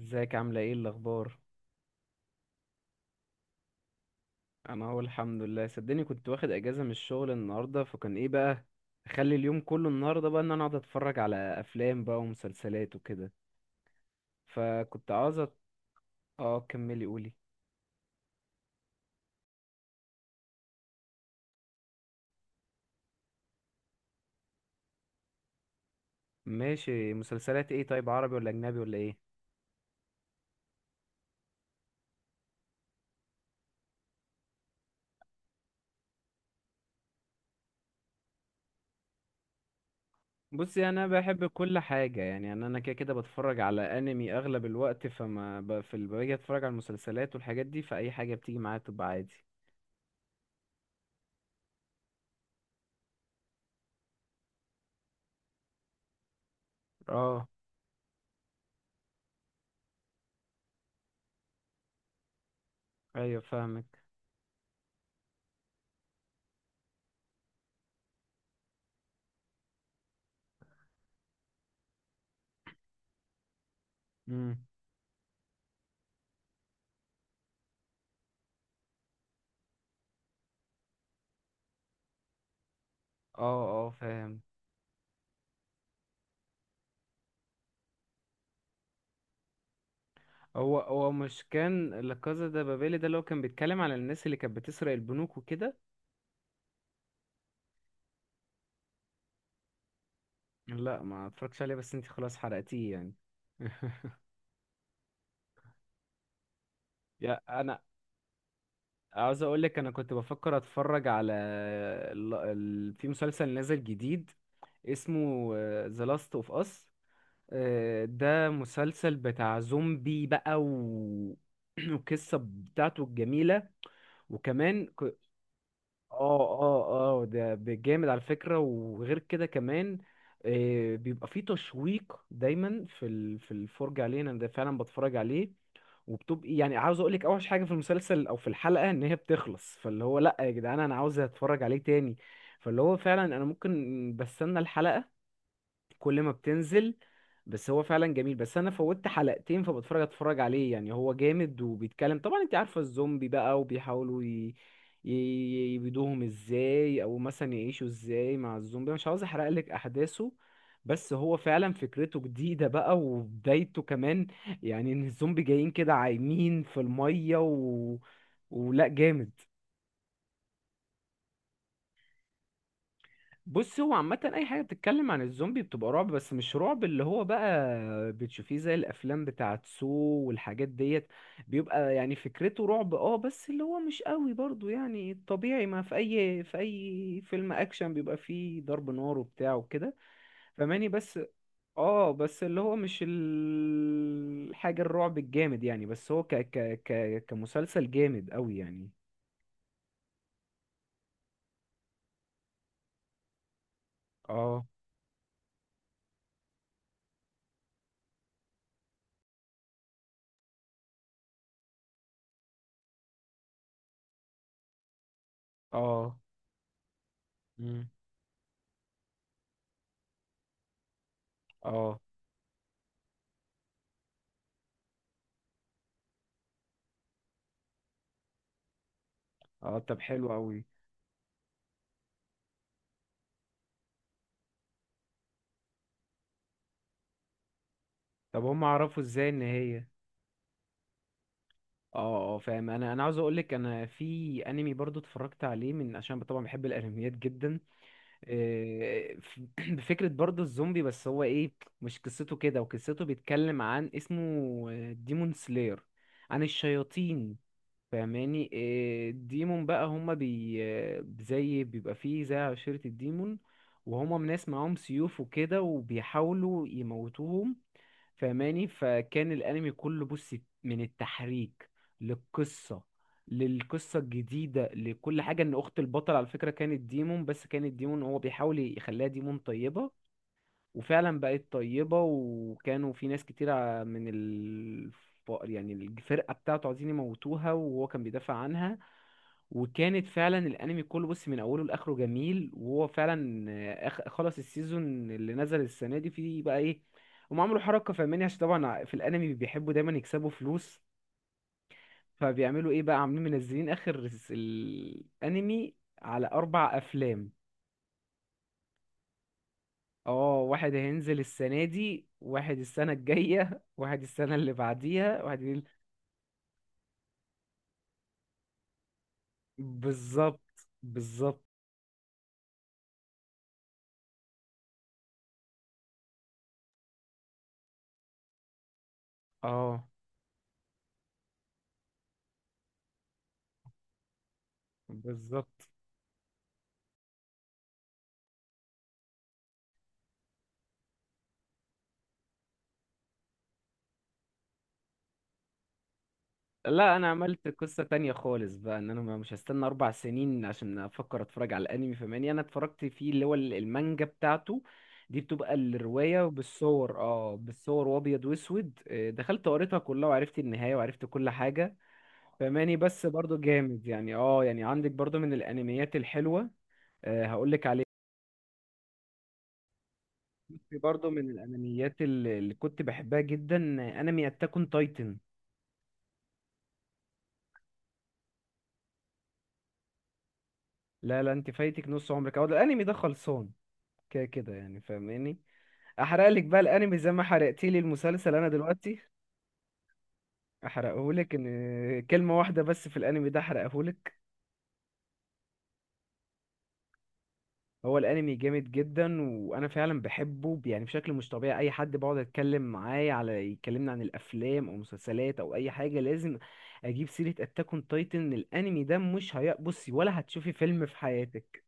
ازيك عاملة ايه الأخبار؟ أنا أهو الحمد لله، صدقني كنت واخد أجازة من الشغل النهاردة، فكان ايه بقى، أخلي اليوم كله النهاردة بقى إن أنا أقعد أتفرج على أفلام بقى ومسلسلات وكده. فكنت عاوزة. اه، كملي قولي. ماشي، مسلسلات ايه؟ طيب عربي ولا أجنبي ولا ايه؟ بصي أنا بحب كل حاجة، يعني أنا كده كده بتفرج على أنمي أغلب الوقت، فما باجي أتفرج على المسلسلات والحاجات دي، فأي حاجة بتيجي معايا تبقى عادي. اه، أيوه، فاهمك. مم. اه، اه، فاهم. هو مش كان لا كازا ده بابيلي ده اللي هو كان بيتكلم على الناس اللي كانت بتسرق البنوك وكده؟ لا، ما اتفرجتش عليه، بس انت خلاص حرقتيه يعني. يا انا عاوز اقول لك، انا كنت بفكر اتفرج على في مسلسل نازل جديد اسمه ذا لاست اوف اس، ده مسلسل بتاع زومبي بقى والقصة بتاعته الجميلة وكمان ك- اه، اه، اه، ده جامد على فكرة، وغير كده كمان، آه، بيبقى فيه تشويق دايما في في الفرجة عليه. انا ده فعلا بتفرج عليه، وبتبقي يعني، عاوز اقول لك، اوحش حاجه في المسلسل او في الحلقه ان هي بتخلص، فاللي هو لا يا جدعان، انا عاوز اتفرج عليه تاني. فاللي هو فعلا انا ممكن بستنى الحلقه كل ما بتنزل. بس هو فعلا جميل، بس انا فوتت حلقتين، اتفرج عليه. يعني هو جامد وبيتكلم، طبعا انت عارفة الزومبي بقى، وبيحاولوا يبيدوهم ازاي، او مثلا يعيشوا ازاي مع الزومبي. مش عاوز احرق لك احداثه، بس هو فعلا فكرته جديدة بقى، وبدايته كمان يعني ان الزومبي جايين كده عايمين في المية ولا جامد. بص هو عامة أي حاجة بتتكلم عن الزومبي بتبقى رعب، بس مش رعب اللي هو بقى بتشوفيه زي الأفلام بتاعت سو والحاجات ديت. بيبقى يعني فكرته رعب، اه، بس اللي هو مش قوي برضو، يعني الطبيعي، ما في أي فيلم أكشن بيبقى فيه ضرب نار وبتاع وكده، فماني بس. اه، بس اللي هو مش الحاجة الرعب الجامد يعني، بس هو ك ك ك كمسلسل جامد قوي يعني. اه، اه. مم. اه، اه، طب حلو قوي. طب هم عرفوا ازاي ان هي؟ اه، اه، فاهم. انا عاوز اقول لك، انا في انمي برضو اتفرجت عليه، من عشان طبعا بحب الانميات جدا. إيه، بفكره برضو الزومبي، بس هو ايه، مش قصته كده. وقصته بيتكلم عن اسمه ديمون سلاير، عن الشياطين. فاهماني، إيه، الديمون بقى هما بي آه، زي، بيبقى فيه زي عشيرة الديمون، وهما ناس معاهم سيوف وكده، وبيحاولوا يموتوهم. فاهماني، فكان الانمي كله بص، من التحريك للقصه للقصه الجديده لكل حاجه، ان اخت البطل على فكره كانت ديمون، بس كانت ديمون، هو بيحاول يخليها ديمون طيبه، وفعلا بقت طيبه، وكانوا في ناس كتير يعني الفرقه بتاعته عايزين يموتوها، وهو كان بيدافع عنها. وكانت فعلا الانمي كله بص من اوله لاخره جميل، وهو فعلا خلص السيزون اللي نزل السنه دي، فيه بقى ايه، هم عملوا حركه، فاهماني، عشان طبعا في الانمي بيحبوا دايما يكسبوا فلوس، فبيعملوا ايه بقى، عاملين منزلين اخر الانمي على اربع افلام. اه، واحد هينزل السنه دي، واحد السنه الجايه، واحد السنه اللي بعديها، واحد بالظبط. بالظبط. اه، بالظبط. لا، انا عملت قصة تانية خالص بقى، ان انا مش هستنى 4 سنين عشان افكر اتفرج على الانمي، فماني انا اتفرجت فيه، اللي هو المانجا بتاعته، دي بتبقى الرواية بالصور، بالصور وابيض واسود، دخلت قريتها كلها، وعرفت النهاية، وعرفت كل حاجة. فماني بس، برضو جامد يعني، اه، يعني عندك برضو من الانميات الحلوة. آه، هقولك عليه، في برضو من الانميات اللي كنت بحبها جدا، انمي اتاك اون تايتن. لا، لا، انت فايتك نص عمرك، اهو ده الانمي ده خلصان كده كده يعني، فاهماني. احرق لك بقى الانمي زي ما حرقتي لي المسلسل انا دلوقتي؟ احرقهولك، ان كلمه واحده بس في الانمي ده احرقهولك. هو الانمي جامد جدا، وانا فعلا بحبه يعني بشكل مش طبيعي، اي حد بقعد اتكلم معاه، على يكلمنا عن الافلام او مسلسلات او اي حاجه، لازم اجيب سيره اتاك اون تايتن، الانمي ده مش هي. بصي، ولا هتشوفي فيلم في حياتك،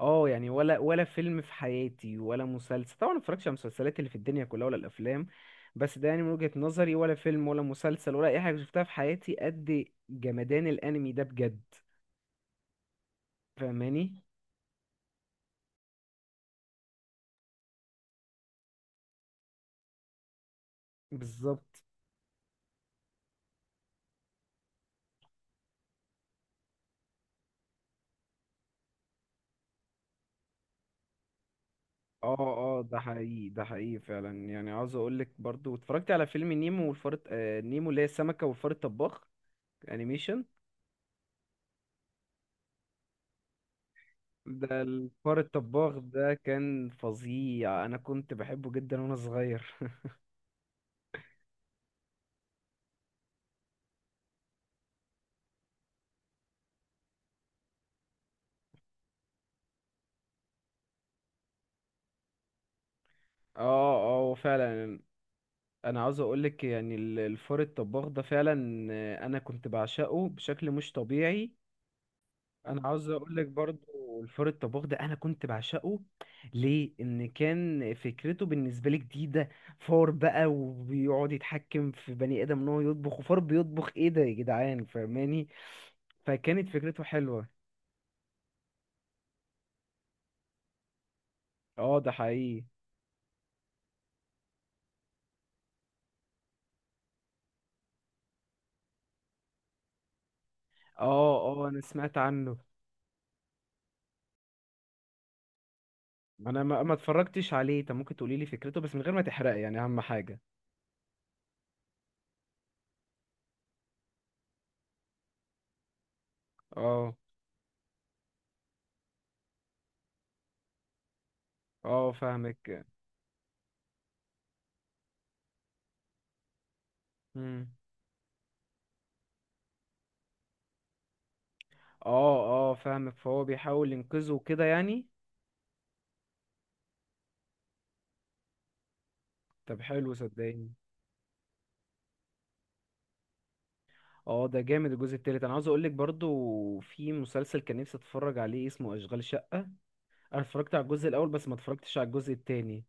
اه، يعني ولا ولا فيلم في حياتي ولا مسلسل، طبعا ما اتفرجش على المسلسلات اللي في الدنيا كلها ولا الافلام، بس ده يعني من وجهة نظري، ولا فيلم ولا مسلسل ولا اي حاجة شفتها في حياتي قد جمدان الانمي ده، بجد. فاهماني؟ بالظبط. اه، اه، ده حقيقي، ده حقيقي فعلا. يعني عاوز اقول لك، برضو اتفرجت على فيلم نيمو والفار الت- آه، نيمو اللي هي السمكة، والفار الطباخ، انيميشن. ده الفار الطباخ ده كان فظيع، انا كنت بحبه جدا وانا صغير. اه، اه، هو فعلا. انا عاوز اقولك يعني الفار الطباخ ده فعلا، انا كنت بعشقه بشكل مش طبيعي. انا عاوز اقولك برضو، الفار الطباخ ده انا كنت بعشقه ليه، ان كان فكرته بالنسبه لي جديده. فار بقى وبيقعد يتحكم في بني ادم ان هو يطبخ، وفار بيطبخ؟ ايه ده يا جدعان، فاهماني، فكانت فكرته حلوه. اه، ده حقيقي. اه، اه، انا سمعت عنه، انا ما اتفرجتش عليه. طب ممكن تقولي لي فكرته بس من غير ما تحرق، يعني اهم حاجه. اه، اه، فاهمك. امم اه، اه، فاهمك، فهو بيحاول ينقذه كده يعني. طب حلو، صدقني. اه، ده جامد. الجزء التالت، انا عاوز اقولك، برضو في مسلسل كان نفسي اتفرج عليه اسمه اشغال شقة، انا اتفرجت على الجزء الاول، بس ما اتفرجتش على الجزء التاني.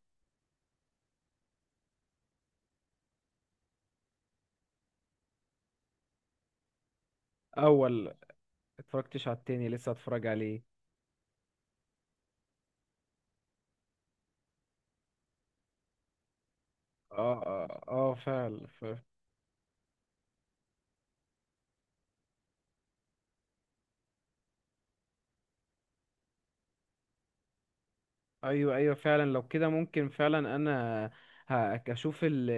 اول اتفرجتش على التاني، لسه هتفرج عليه. اه، اه, آه فعلا. ايوه، ايوه، فعلا، لو كده ممكن فعلا، انا ه- اشوف ال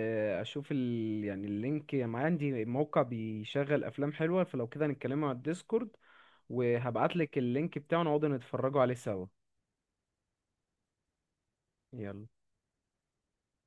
اشوف ال يعني اللينك، ما عندي موقع بيشغل افلام حلوه، فلو كده نتكلموا على الديسكورد، وهبعتلك اللينك بتاعه، نقعد نتفرجوا عليه سوا. يلا.